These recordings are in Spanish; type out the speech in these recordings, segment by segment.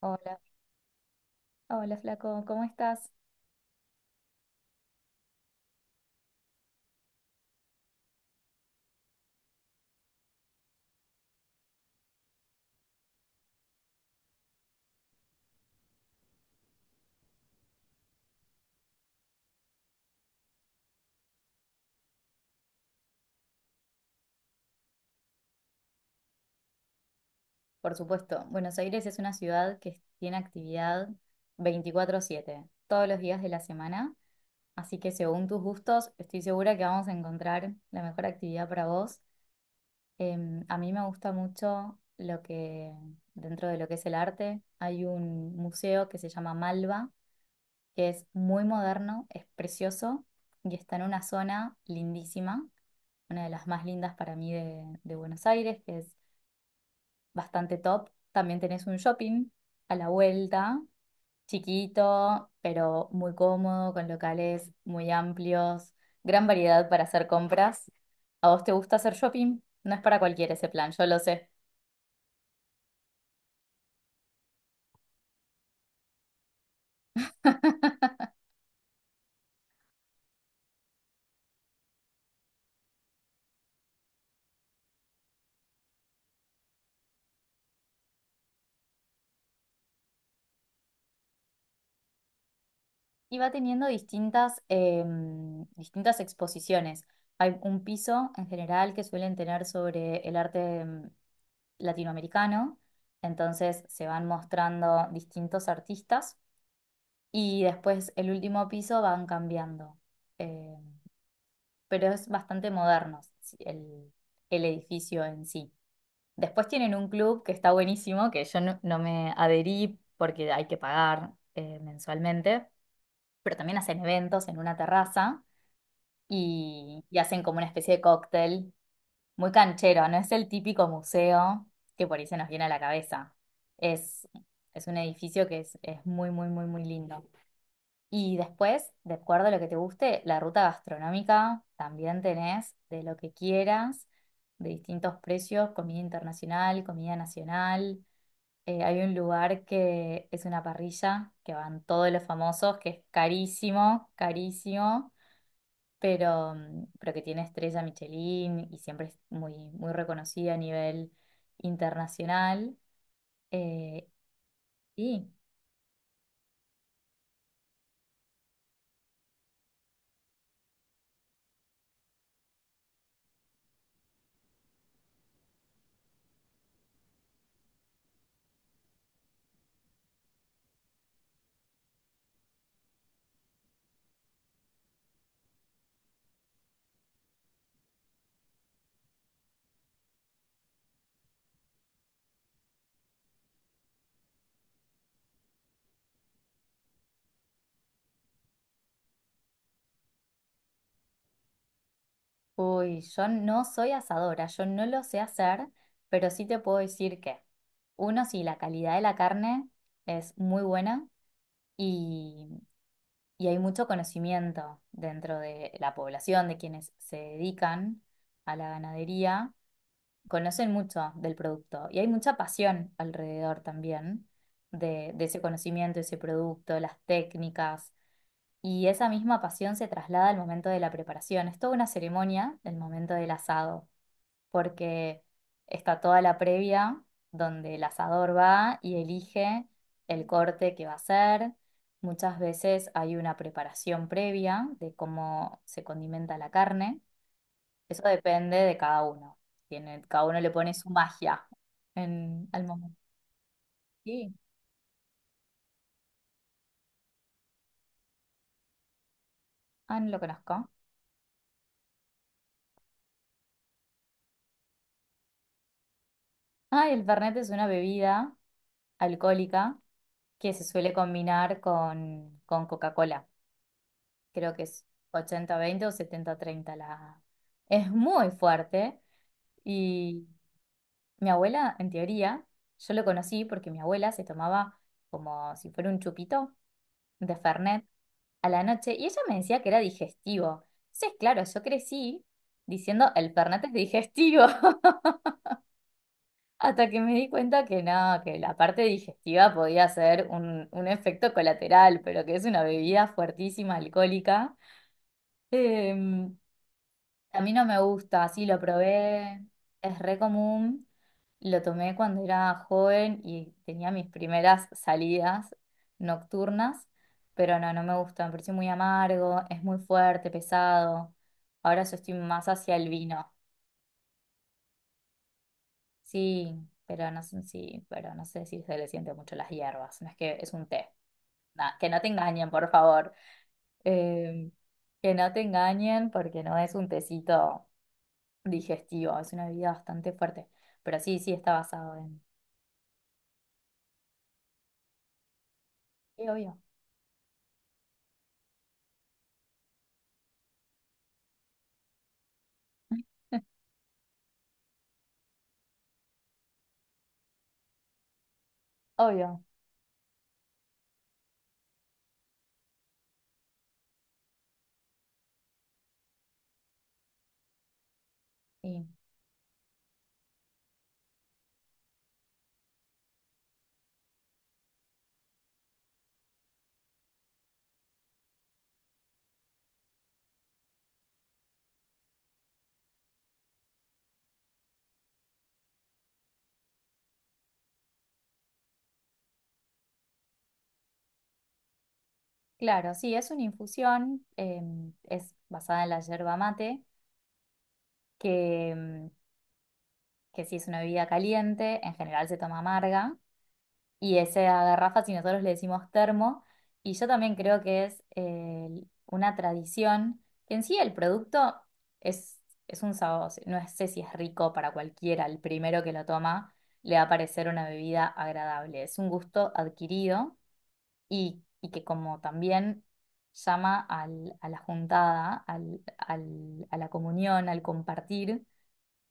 Hola, hola Flaco, ¿cómo estás? Por supuesto, Buenos Aires es una ciudad que tiene actividad 24/7, todos los días de la semana, así que según tus gustos, estoy segura que vamos a encontrar la mejor actividad para vos. A mí me gusta mucho lo que, dentro de lo que es el arte, hay un museo que se llama Malva, que es muy moderno, es precioso y está en una zona lindísima, una de las más lindas para mí de Buenos Aires, que es bastante top. También tenés un shopping a la vuelta, chiquito, pero muy cómodo, con locales muy amplios, gran variedad para hacer compras. ¿A vos te gusta hacer shopping? No es para cualquiera ese plan, yo lo sé. Y va teniendo distintas, distintas exposiciones. Hay un piso en general que suelen tener sobre el arte latinoamericano, entonces se van mostrando distintos artistas y después el último piso van cambiando. Eh, pero es bastante moderno sí, el edificio en sí. Después tienen un club que está buenísimo, que yo no me adherí porque hay que pagar mensualmente, pero también hacen eventos en una terraza y hacen como una especie de cóctel muy canchero, no es el típico museo que por ahí se nos viene a la cabeza. Es, es un edificio que es muy, muy, muy, muy lindo. Y después, de acuerdo a lo que te guste, la ruta gastronómica también tenés de lo que quieras, de distintos precios, comida internacional, comida nacional. Hay un lugar que es una parrilla, que van todos los famosos, que es carísimo, carísimo, pero, pero que tiene estrella Michelin y siempre es muy, muy reconocida a nivel internacional. Eh, sí. Uy, yo no soy asadora, yo no lo sé hacer, pero sí te puedo decir que, uno, sí, la calidad de la carne es muy buena y, y hay mucho conocimiento dentro de la población, de quienes se dedican a la ganadería, conocen mucho del producto y hay mucha pasión alrededor también de ese conocimiento, ese producto, las técnicas. Y esa misma pasión se traslada al momento de la preparación. Es toda una ceremonia del momento del asado porque está toda la previa donde el asador va y elige el corte que va a hacer. Muchas veces hay una preparación previa de cómo se condimenta la carne. Eso depende de cada uno. Tiene, cada uno le pone su magia en, al momento. Sí. Ah, no lo conozco. Ah, el Fernet es una bebida alcohólica que se suele combinar con Coca-Cola. Creo que es 80-20 o 70-30 la... Es muy fuerte y mi abuela, en teoría, yo lo conocí porque mi abuela se tomaba como si fuera un chupito de Fernet a la noche y ella me decía que era digestivo. Entonces, claro, yo crecí diciendo el Fernet es digestivo hasta que me di cuenta que no, que la parte digestiva podía ser un efecto colateral, pero que es una bebida fuertísima, alcohólica. Em, A mí no me gusta, sí, lo probé, es re común, lo tomé cuando era joven y tenía mis primeras salidas nocturnas, pero no, no me gusta, me pareció muy amargo, es muy fuerte, pesado. Ahora yo estoy más hacia el vino, sí, pero no sé, sí, pero no sé si se le siente mucho las hierbas, no es que es un té. Nah, que no te engañen, por favor. Eh, que no te engañen porque no es un tecito. Digestiva, es una bebida bastante fuerte, pero sí, sí está basado en... Sí, obvio, obvio, sí. Claro, sí, es una infusión, es basada en la yerba mate, que, em, que sí es una bebida caliente, en general se toma amarga, y esa garrafa, si nosotros le decimos termo, y yo también creo que es una tradición, que en sí el producto es, es un sabor, no sé si es rico para cualquiera, el primero que lo toma le va a parecer una bebida agradable, es un gusto adquirido y que como también llama al- a la juntada, al- al- a la comunión, al compartir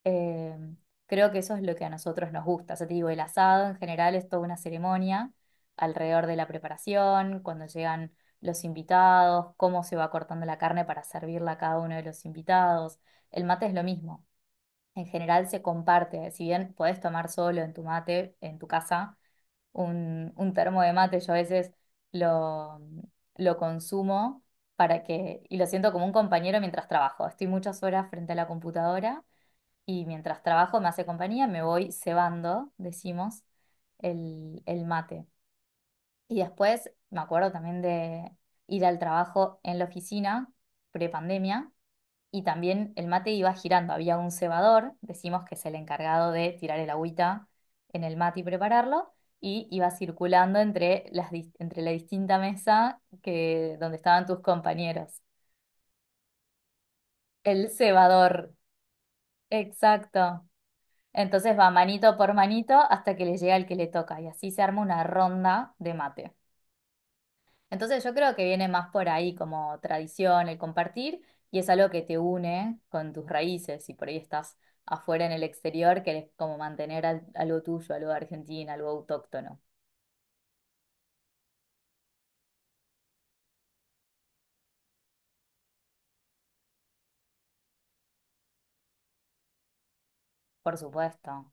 eh, creo que eso es lo que a nosotros nos gusta. O sea, te digo, el asado en general es toda una ceremonia alrededor de la preparación, cuando llegan los invitados, cómo se va cortando la carne para servirla a cada uno de los invitados. El mate es lo mismo. En general se comparte, si bien podés tomar solo en tu mate, en tu casa, un termo de mate, yo a veces lo, lo consumo para que, y lo siento como un compañero mientras trabajo. Estoy muchas horas frente a la computadora y mientras trabajo me hace compañía, me voy cebando, decimos, el mate. Y después me acuerdo también de ir al trabajo en la oficina, prepandemia, y también el mate iba girando. Había un cebador, decimos que es el encargado de tirar el agüita en el mate y prepararlo, y iba circulando entre, las, dis- entre la distinta mesa que, donde estaban tus compañeros. El cebador, exacto. Entonces va manito por manito hasta que le llega el que le toca y así se arma una ronda de mate. Entonces yo creo que viene más por ahí como tradición, el compartir y es algo que te une con tus raíces y por ahí estás afuera en el exterior, querés como mantener al- algo tuyo, algo de Argentina, algo autóctono. Por supuesto.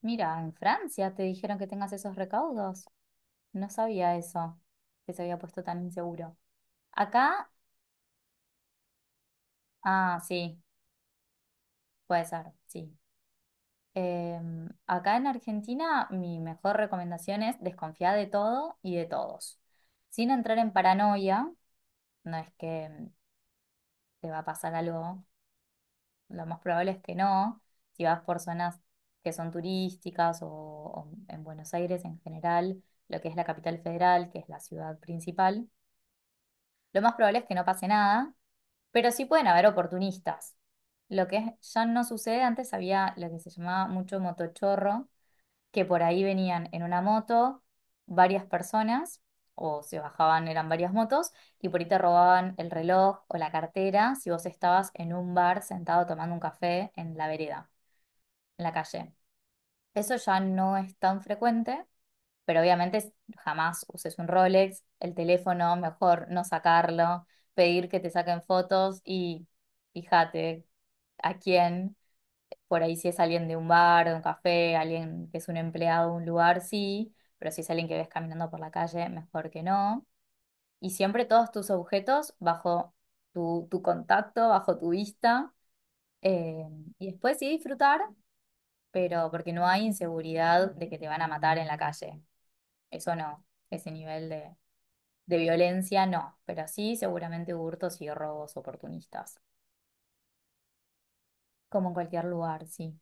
Mira, en Francia te dijeron que tengas esos recaudos. No sabía eso, que se había puesto tan inseguro. Acá, ah, sí, puede ser, sí. Acá en Argentina, mi mejor recomendación es desconfiar de todo y de todos. Sin entrar en paranoia, no es que te va a pasar algo, lo más probable es que no. Si vas por zonas que son turísticas o en Buenos Aires en general, lo que es la capital federal, que es la ciudad principal, lo más probable es que no pase nada, pero sí pueden haber oportunistas. Lo que es- ya no sucede, antes había lo que se llamaba mucho motochorro que por ahí venían en una moto varias personas, o se bajaban, eran varias motos, y por ahí te robaban el reloj o la cartera si vos estabas en un bar sentado tomando un café en la vereda, en la calle. Eso ya no es tan frecuente, pero obviamente s- jamás uses un Rolex, el teléfono, mejor no sacarlo, pedir que te saquen fotos y fíjate a quién. Por ahí si es alguien de un bar, de un café, alguien que es un empleado de un lugar, sí, pero si es alguien que ves caminando por la calle, mejor que no. Y siempre todos tus objetos bajo tu contacto, bajo tu vista. eh, y después sí disfrutar, pero porque no hay inseguridad de que te van a matar en la calle. Eso no, ese nivel de violencia no, pero sí seguramente hurtos y robos oportunistas, como en cualquier lugar, sí.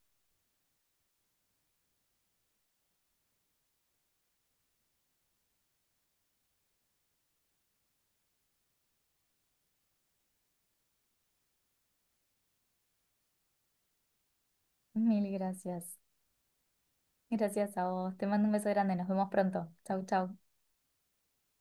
Mil gracias. Gracias a vos. Te mando un beso grande. Nos vemos pronto. Chau, chau.